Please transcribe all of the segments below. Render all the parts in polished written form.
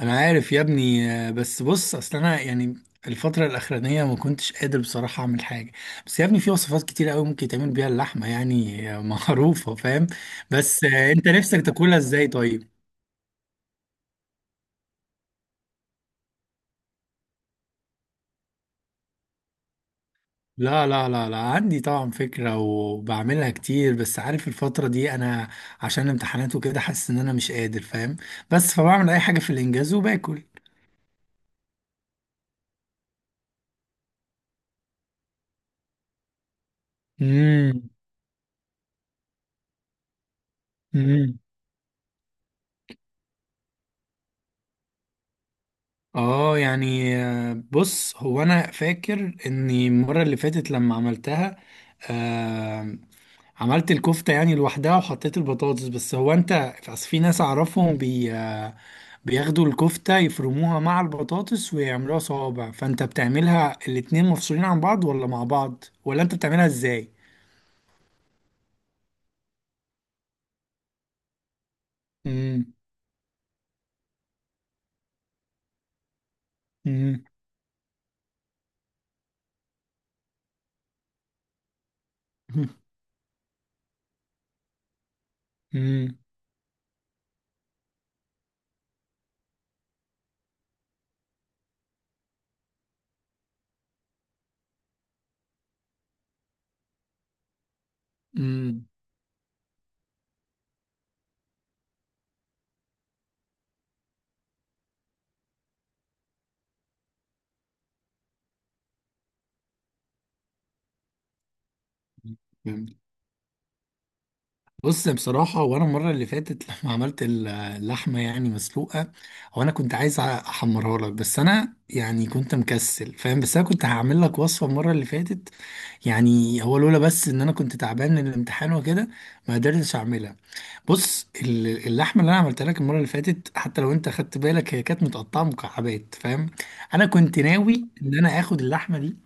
انا عارف يا ابني بس بص اصل انا يعني الفترة الأخرانية ما كنتش قادر بصراحة أعمل حاجة. بس يا ابني في وصفات كتير قوي ممكن تعمل بيها اللحمة يعني معروفة فاهم. بس أنت نفسك تاكلها إزاي طيب؟ لا، لا، لا، لا، عندي طبعا فكرة وبعملها كتير بس عارف الفترة دي أنا عشان امتحانات وكده حاسس إن أنا مش قادر فاهم. بس فبعمل أي حاجة في الإنجاز وباكل. امم. اه يعني بص هو انا فاكر اني المره اللي فاتت لما عملتها. آه. عملت الكفته يعني لوحدها وحطيت البطاطس بس هو انت أصل في ناس اعرفهم بي آه، بياخدوا الكفته يفرموها مع البطاطس ويعملوها صوابع. فانت بتعملها الاتنين مفصولين عن بعض ولا مع بعض ولا انت بتعملها ازاي؟ امم. امم. امم. بص بصراحة وأنا المرة اللي فاتت لما عملت اللحمة يعني مسلوقة. هو أنا كنت عايز أحمرها لك بس أنا يعني كنت مكسل فاهم. بس أنا كنت هعمل لك وصفة المرة اللي فاتت. يعني هو لولا بس إن أنا كنت تعبان من الامتحان وكده ما قدرتش أعملها. بص اللحمة اللي أنا عملتها لك المرة اللي فاتت حتى لو أنت خدت بالك هي كانت متقطعة مكعبات فاهم. أنا كنت ناوي إن أنا آخد اللحمة دي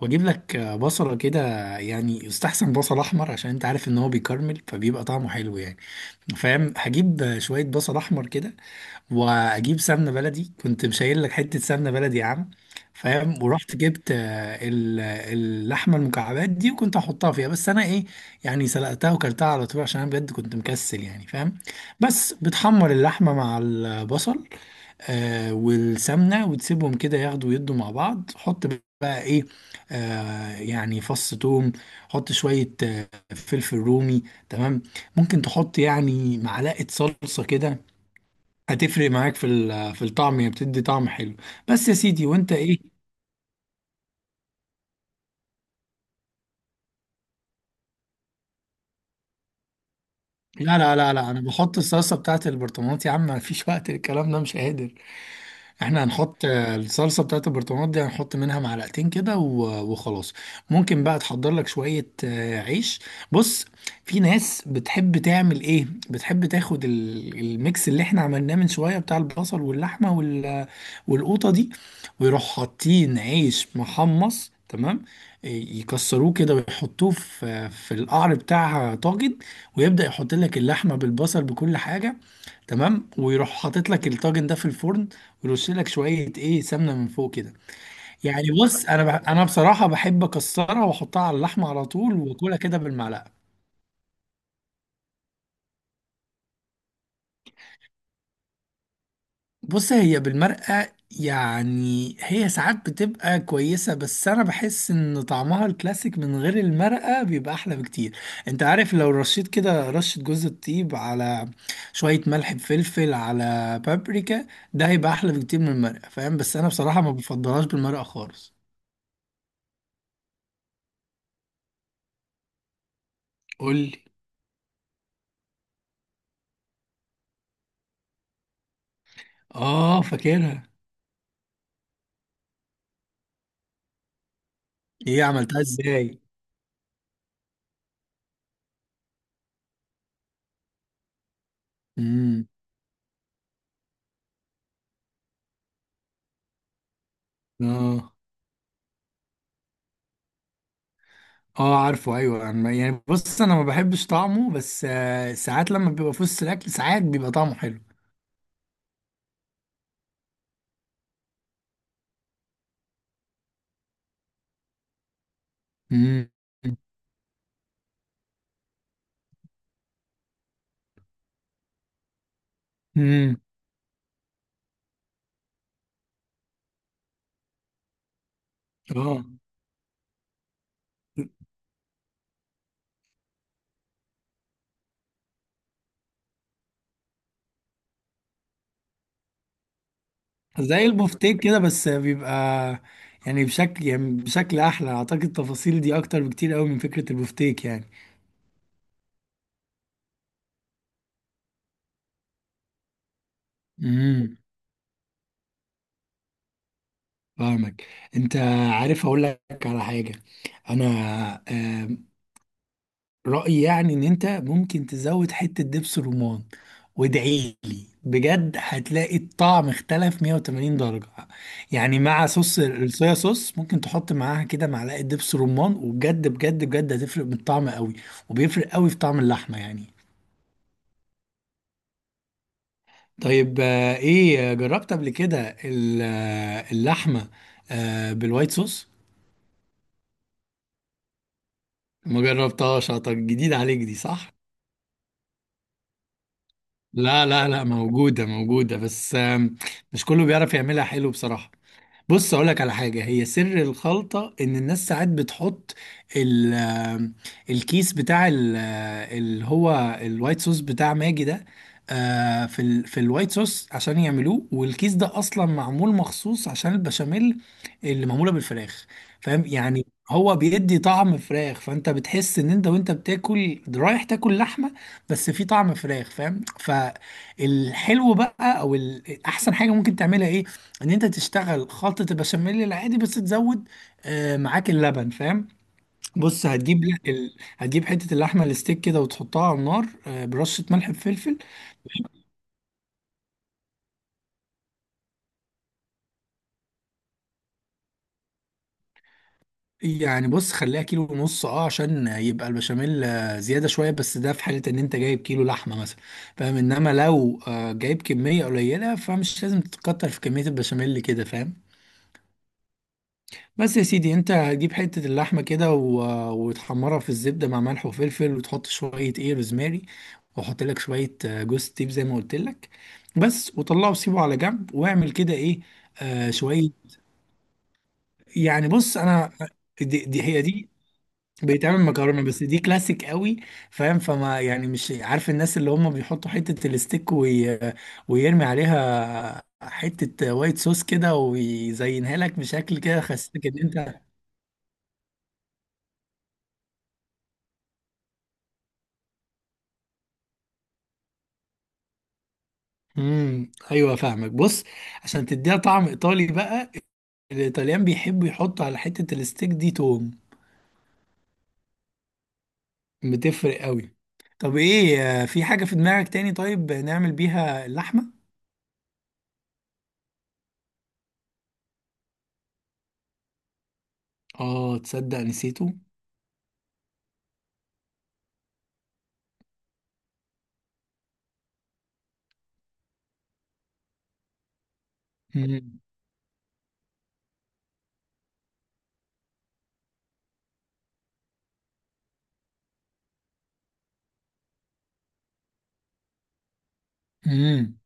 واجيب لك بصلة كده. يعني يستحسن بصل احمر عشان انت عارف ان هو بيكرمل فبيبقى طعمه حلو يعني فاهم. هجيب شوية بصل احمر كده واجيب سمنة بلدي. كنت مشايل لك حتة سمنة بلدي يا عم فاهم. ورحت جبت اللحمة المكعبات دي وكنت هحطها فيها. بس انا ايه يعني سلقتها وكلتها على طول عشان انا بجد كنت مكسل يعني فاهم. بس بتحمر اللحمة مع البصل والسمنه وتسيبهم كده ياخدوا ويدوا مع بعض. حط بقى ايه؟ يعني فص توم. حط شويه فلفل رومي تمام. ممكن تحط يعني معلقه صلصه كده. هتفرق معاك في الطعم، هي بتدي طعم حلو بس يا سيدي. وانت ايه؟ لا، لا، لا، لا، انا بحط الصلصه بتاعت البرطمانات يا عم مفيش وقت الكلام ده مش قادر. احنا هنحط الصلصه بتاعت البرطمانات دي، هنحط منها معلقتين كده وخلاص. ممكن بقى تحضر لك شويه عيش. بص في ناس بتحب تعمل ايه، بتحب تاخد الميكس اللي احنا عملناه من شويه بتاع البصل واللحمه والقوطه دي ويروح حاطين عيش محمص تمام. ي- يكسروه كده ويحطوه في القعر بتاع طاجن ويبدأ يحط لك اللحمة بالبصل بكل حاجة تمام. ويروح حاطط لك الطاجن ده في الفرن ويرش لك شويه ايه سمنه من فوق كده. يعني بص انا انا بصراحه بحب اكسرها واحطها على اللحمه على طول واكلها كده بالمعلقه. بص هي بالمرقه. يعني هي ساعات بتبقى كويسه بس انا بحس ان طعمها الكلاسيك من غير المرقه بيبقى احلى بكتير. انت عارف لو رشيت كده رشه جوز الطيب على شويه ملح بفلفل على بابريكا، ده هيبقى احلى بكتير من المرقه فاهم. بس انا بصراحه ما بفضلهاش بالمرقه خالص. قول لي. اه فاكرها. ايه عملتها ازاي؟ امم. اه. اه عارفه ايوه يعني بص انا ما بحبش طعمه بس ساعات لما بيبقى في وسط الاكل ساعات بيبقى طعمه حلو. امم. امم. اه. زي البفتيك كده بس بيبقى يعني بشكل احلى. اعتقد التفاصيل دي اكتر بكتير قوي من فكرة البفتيك يعني. امم. فاهمك. انت عارف اقول لك على حاجة. انا رأيي يعني ان انت ممكن تزود حتة دبس رمان. وادعي لي بجد هتلاقي الطعم اختلف 180 درجة. يعني مع صوص الصويا صوص ممكن تحط معاها كده معلقة دبس رمان وبجد بجد بجد هتفرق بالطعم قوي. وبيفرق قوي في طعم اللحمة يعني. طيب ايه، جربت قبل كده اللحمة بالوايت صوص؟ ما جربتهاش. طب جديد عليك دي صح. لا، لا، لا، موجودة موجودة بس مش كله بيعرف يعملها حلو بصراحة. بص اقول لك على حاجه، هي سر الخلطه ان الناس ساعات بتحط ال- آه، الكيس بتاع اللي هو الوايت صوص بتاع ماجي ده. في الوايت صوص عشان يعملوه. والكيس ده اصلا معمول مخصوص عشان البشاميل اللي معموله بالفراخ فاهم يعني. هو بيدي طعم فراخ. فانت بتحس ان انت وانت بتاكل رايح تاكل لحمه بس في طعم فراخ فاهم. فالحلو بقى او احسن حاجه ممكن تعملها ايه، ان انت تشتغل خلطة البشاميل العادي بس تزود معاك اللبن فاهم. بص هتجيب هتجيب حتة اللحمة الستيك كده وتحطها على النار، برشة ملح بفلفل. يعني بص خليها كيلو ونص اه عشان يبقى البشاميل زيادة شوية، بس ده في حالة ان انت جايب كيلو لحمة مثلا فاهم. انما لو جايب كمية قليلة فمش لازم تتكتر في كمية البشاميل كده فاهم. بس يا سيدي انت هتجيب حتة اللحمة كده وتحمرها في الزبدة مع ملح وفلفل وتحط شوية ايه روزماري. وحط لك شوية جوز تيب زي ما قلت لك. بس وطلعه وسيبه على جنب واعمل كده ايه. آه شوية. يعني بص انا دي هي دي بيتعمل مكرونة بس دي كلاسيك قوي فاهم. فما يعني مش عارف الناس اللي هم بيحطوا حتة الستيك ويرمي عليها حتة وايت صوص كده ويزينها لك بشكل كده خسيتك ان انت. امم. ايوه فاهمك. بص عشان تديها طعم ايطالي بقى، الايطاليان بيحبوا يحطوا على حته الستيك دي توم. بتفرق قوي. طب ايه، في حاجه في دماغك تاني طيب نعمل بيها اللحمه؟ اه تصدق نسيته. امم. امم.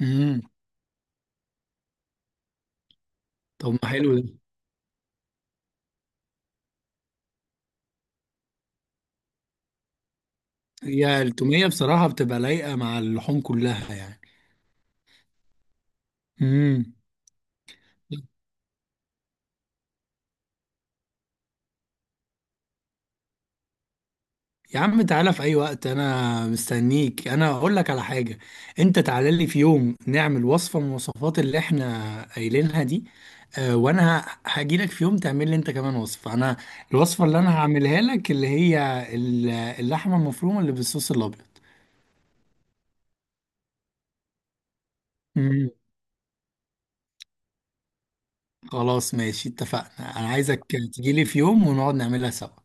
امم. طب ما حلو ده. هي التوميه بصراحه بتبقى لايقه مع اللحوم كلها يعني. امم. يا عم تعالى في اي وقت انا مستنيك. انا اقول لك على حاجه، انت تعالى لي في يوم نعمل وصفه من الوصفات اللي احنا قايلينها دي. آه وانا هاجي لك في يوم تعمل لي انت كمان وصفه. انا الوصفه اللي انا هعملها لك اللي هي اللحمه المفرومه اللي بالصوص الابيض. مم. خلاص ماشي اتفقنا. انا عايزك تجي لي في يوم ونقعد نعملها سوا.